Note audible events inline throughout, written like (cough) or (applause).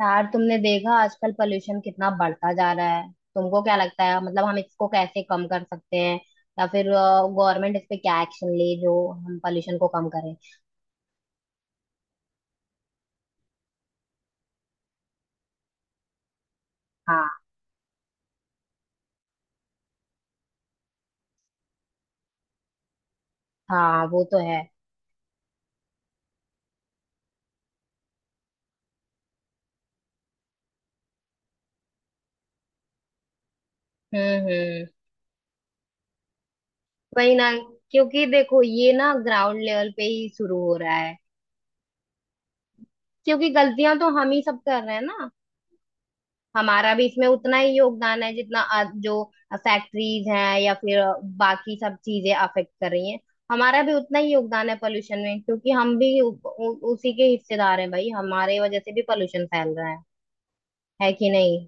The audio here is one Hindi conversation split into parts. यार तुमने देखा आजकल पोल्यूशन कितना बढ़ता जा रहा है। तुमको क्या लगता है, मतलब हम इसको कैसे कम कर सकते हैं, या फिर गवर्नमेंट इस पे क्या एक्शन ले जो हम पोल्यूशन को कम करें। हाँ। हाँ वो तो है। हम्म। वही ना, क्योंकि देखो ये ना ग्राउंड लेवल पे ही शुरू हो रहा है। क्योंकि गलतियां तो हम ही सब कर रहे हैं ना। हमारा भी इसमें उतना ही योगदान है जितना जो फैक्ट्रीज हैं या फिर बाकी सब चीजें अफेक्ट कर रही हैं। हमारा भी उतना ही योगदान है पोल्यूशन में, क्योंकि हम भी उ, उ, उसी के हिस्सेदार हैं। भाई हमारे वजह से भी पोल्यूशन फैल रहा है कि नहीं।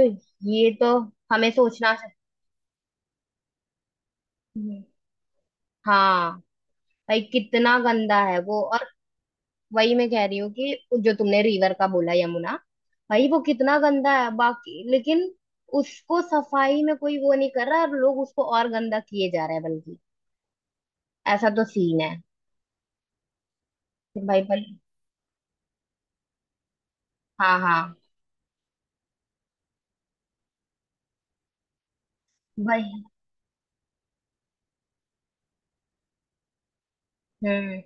तो ये तो हमें सोचना चाहिए। हम्म। हाँ। भाई कितना गंदा है वो। और वही मैं कह रही हूँ, कि जो तुमने रिवर का बोला, यमुना, भाई वो कितना गंदा है बाकी। लेकिन उसको सफाई में कोई वो नहीं कर रहा, और लोग उसको और गंदा किए जा रहे हैं बल्कि। ऐसा तो सीन है कि भाई बल हाँ हाँ। वही। हम्म।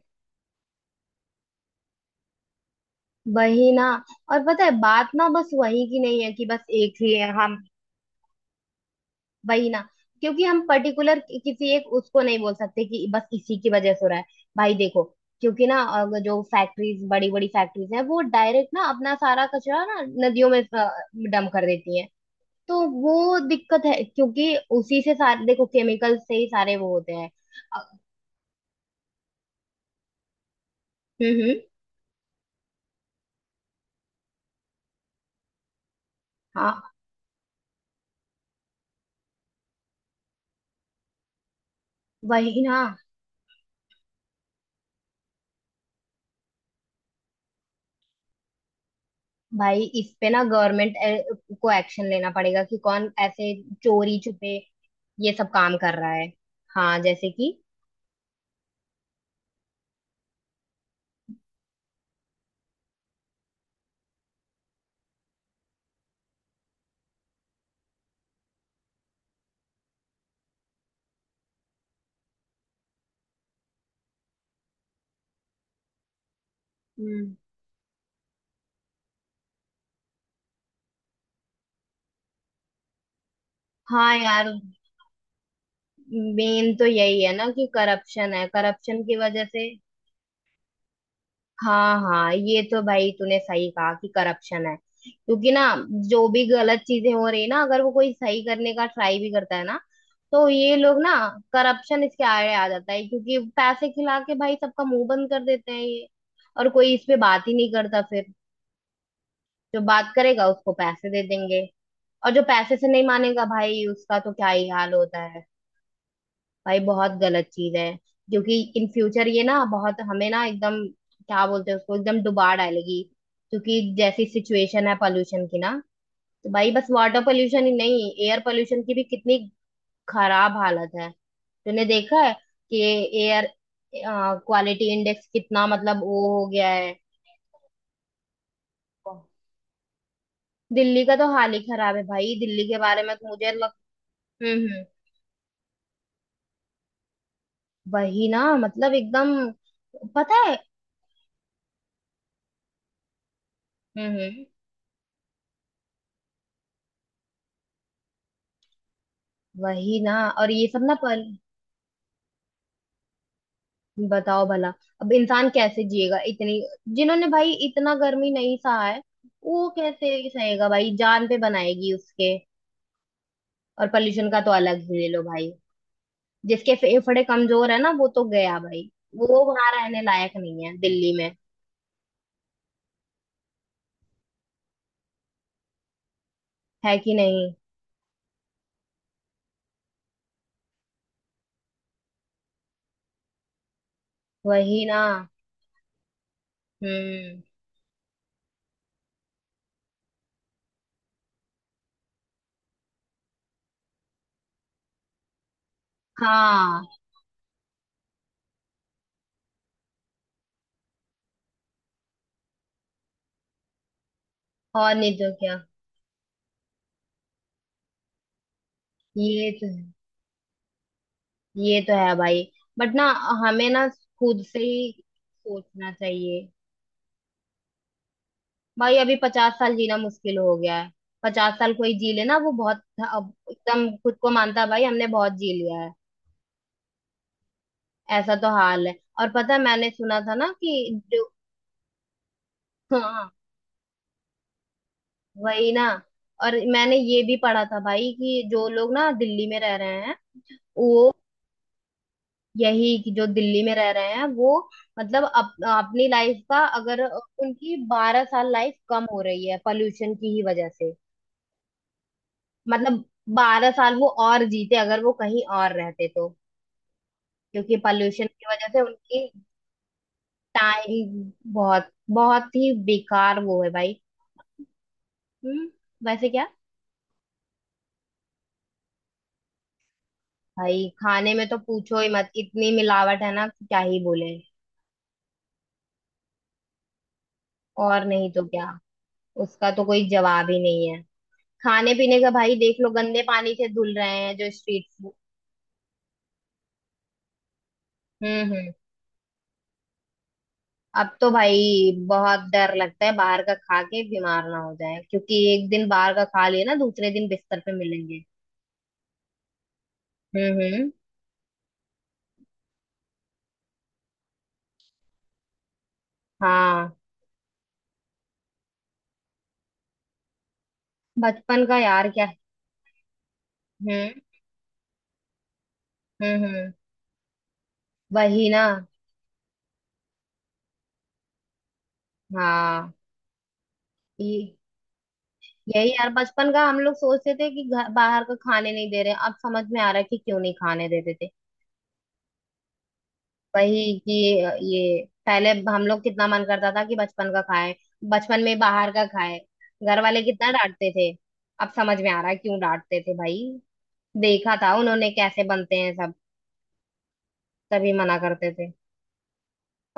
वही ना, और पता है बात ना, बस वही की नहीं है कि बस एक ही है हम। वही ना, क्योंकि हम पर्टिकुलर किसी एक उसको नहीं बोल सकते कि बस इसी की वजह से हो रहा है। भाई देखो, क्योंकि ना अगर जो फैक्ट्रीज, बड़ी बड़ी फैक्ट्रीज हैं, वो डायरेक्ट ना अपना सारा कचरा ना नदियों में डम कर देती हैं। तो वो दिक्कत है, क्योंकि उसी से सारे, देखो, केमिकल से ही सारे वो होते हैं। अ, हम्म। हाँ। वही ना। भाई इस पे ना गवर्नमेंट को एक्शन लेना पड़ेगा कि कौन ऐसे चोरी छुपे ये सब काम कर रहा है। हाँ, जैसे कि। हाँ यार, मेन तो यही है ना कि करप्शन है, करप्शन की वजह से। हाँ हाँ, ये तो भाई तूने सही कहा कि करप्शन है। क्योंकि ना, जो भी गलत चीजें हो रही है ना, अगर वो कोई सही करने का ट्राई भी करता है ना, तो ये लोग ना, करप्शन इसके आड़े आ जाता है। क्योंकि पैसे खिला के भाई सबका मुंह बंद कर देते हैं ये। और कोई इस पे बात ही नहीं करता फिर। जो बात करेगा उसको पैसे दे देंगे। और जो पैसे से नहीं मानेगा, भाई उसका तो क्या ही हाल होता। भाई बहुत गलत चीज है, क्योंकि इन फ्यूचर ये ना बहुत हमें ना एकदम, क्या बोलते हैं उसको, एकदम डुबा डालेगी। क्योंकि जैसी सिचुएशन है पोल्यूशन की ना, तो भाई बस वाटर पोल्यूशन ही नहीं, एयर पोल्यूशन की भी कितनी खराब हालत है। तूने देखा है कि एयर क्वालिटी इंडेक्स कितना, मतलब, वो हो गया है। दिल्ली का तो हाल ही खराब है भाई, दिल्ली के बारे में तो मुझे लग। हम्म। वही ना, मतलब एकदम। पता है। हम्म। वही ना, और ये सब ना पर। बताओ भला, अब इंसान कैसे जिएगा इतनी। जिन्होंने भाई इतना गर्मी नहीं सहा है, वो कैसे सहेगा भाई, जान पे बनाएगी उसके। और पोल्यूशन का तो अलग ही ले लो भाई। जिसके फेफड़े कमजोर है ना, वो तो गया भाई। वो वहां रहने लायक नहीं है दिल्ली में, है कि नहीं। वही ना। हम्म। हाँ। और नहीं तो क्या। ये तो, ये तो है भाई। बट ना, हमें ना खुद से ही सोचना चाहिए। भाई अभी 50 साल जीना मुश्किल हो गया है। 50 साल कोई जी ले ना वो बहुत। अब एकदम खुद को मानता है भाई हमने बहुत जी लिया है। ऐसा तो हाल है। और पता है, मैंने सुना था ना कि जो। हाँ। वही ना। और मैंने ये भी पढ़ा था भाई कि जो लोग ना दिल्ली में रह रहे हैं, वो, यही कि जो दिल्ली में रह रहे हैं वो, मतलब अपनी लाइफ का, अगर उनकी 12 साल लाइफ कम हो रही है पॉल्यूशन की ही वजह से। मतलब 12 साल वो और जीते अगर वो कहीं और रहते तो। क्योंकि पॉल्यूशन की वजह से उनकी टाइम बहुत, बहुत ही बेकार वो है भाई। हम्म। वैसे क्या। भाई खाने में तो पूछो ही मत, इतनी मिलावट है ना कि क्या ही बोले। और नहीं तो क्या। उसका तो कोई जवाब ही नहीं है। खाने पीने का भाई देख लो, गंदे पानी से धुल रहे हैं जो स्ट्रीट फूड। हम्म। अब तो भाई बहुत डर लगता है बाहर का खा के, बीमार ना हो जाए, क्योंकि एक दिन बाहर का खा लिया ना, दूसरे दिन बिस्तर पे मिलेंगे। हम्म। हाँ। बचपन का यार क्या। हम्म हम्म। वही ना। हाँ। ये यही यार, बचपन का हम लोग सोचते थे कि घर बाहर का खाने नहीं दे रहे, अब समझ में आ रहा है कि क्यों नहीं खाने देते थे। वही कि, ये, पहले हम लोग कितना मन करता था कि बचपन का खाएं, बचपन में बाहर का खाएं। घर वाले कितना डांटते थे। अब समझ में आ रहा है क्यों डांटते थे भाई, देखा था उन्होंने कैसे बनते हैं सब, तभी मना करते थे।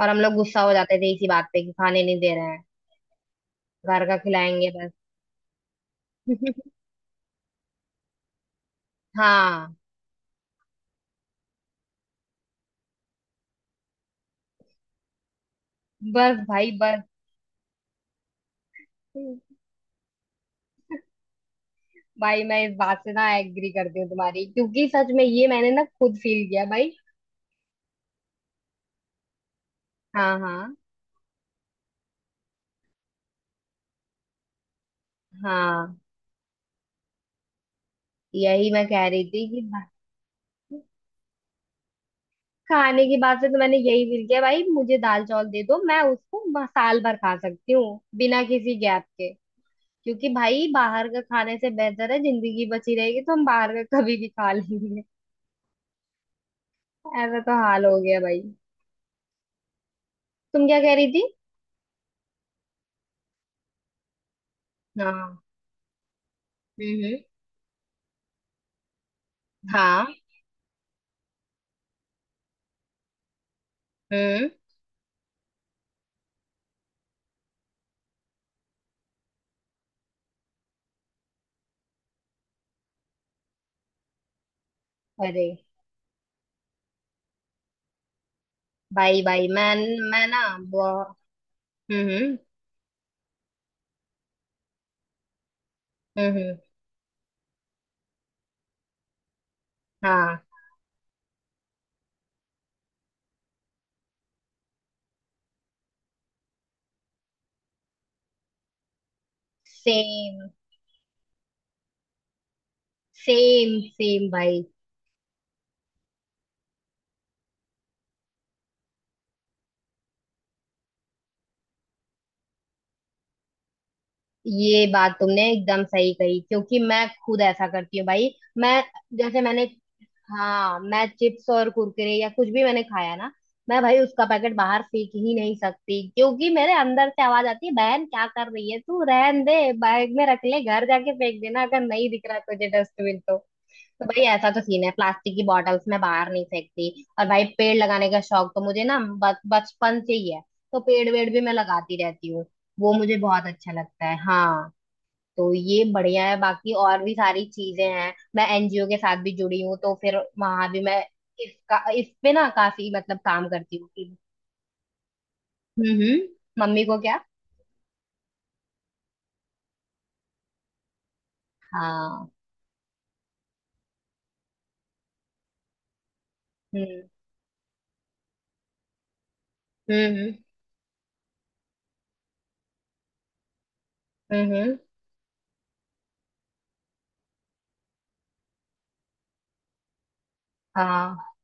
और हम लोग गुस्सा हो जाते थे इसी बात पे कि खाने नहीं दे रहे हैं। घर का खिलाएंगे बस। (laughs) हाँ। बस भाई बस। भाई मैं इस बात से ना एग्री करती हूँ तुम्हारी, क्योंकि सच में ये मैंने ना खुद फील किया भाई। हाँ हाँ। हाँ। यही मैं कह रही थी कि खाने की बात से तो मैंने यही फील किया भाई, मुझे दाल चावल दे दो मैं उसको साल भर खा सकती हूँ बिना किसी गैप के। क्योंकि भाई बाहर का खाने से बेहतर है, जिंदगी बची रहेगी तो हम बाहर का कभी भी खा लेंगे। ऐसा तो हाल हो गया भाई। तुम क्या कह रही थी। हाँ। हम्म। हाँ। हम्म। अरे। भाई भाई मैं ना। हम्म हम्म। हाँ। सेम। सेम भाई। ये बात तुमने एकदम सही कही, क्योंकि मैं खुद ऐसा करती हूँ भाई। मैं, जैसे मैंने, हाँ मैं चिप्स और कुरकुरे या कुछ भी मैंने खाया ना, मैं भाई उसका पैकेट बाहर फेंक ही नहीं सकती, क्योंकि मेरे अंदर से आवाज आती है, बहन क्या कर रही है तू, रहन दे, बैग में रख ले घर जाके फेंक देना, अगर नहीं दिख रहा तुझे डस्टबिन तो। तो भाई ऐसा तो सीन है, प्लास्टिक की बॉटल्स मैं बाहर नहीं फेंकती। और भाई पेड़ लगाने का शौक तो मुझे ना बचपन से ही है। तो पेड़ वेड़ भी मैं लगाती रहती हूँ। वो मुझे बहुत अच्छा लगता है, हाँ। तो ये बढ़िया है, बाकी और भी सारी चीजें हैं। मैं NGO के साथ भी जुड़ी हूँ, तो फिर वहां भी मैं इसका, इस पे ना काफी मतलब काम करती हूँ। हम्म। मम्मी को क्या। हाँ। हम्म हम्म हम्म। हाँ।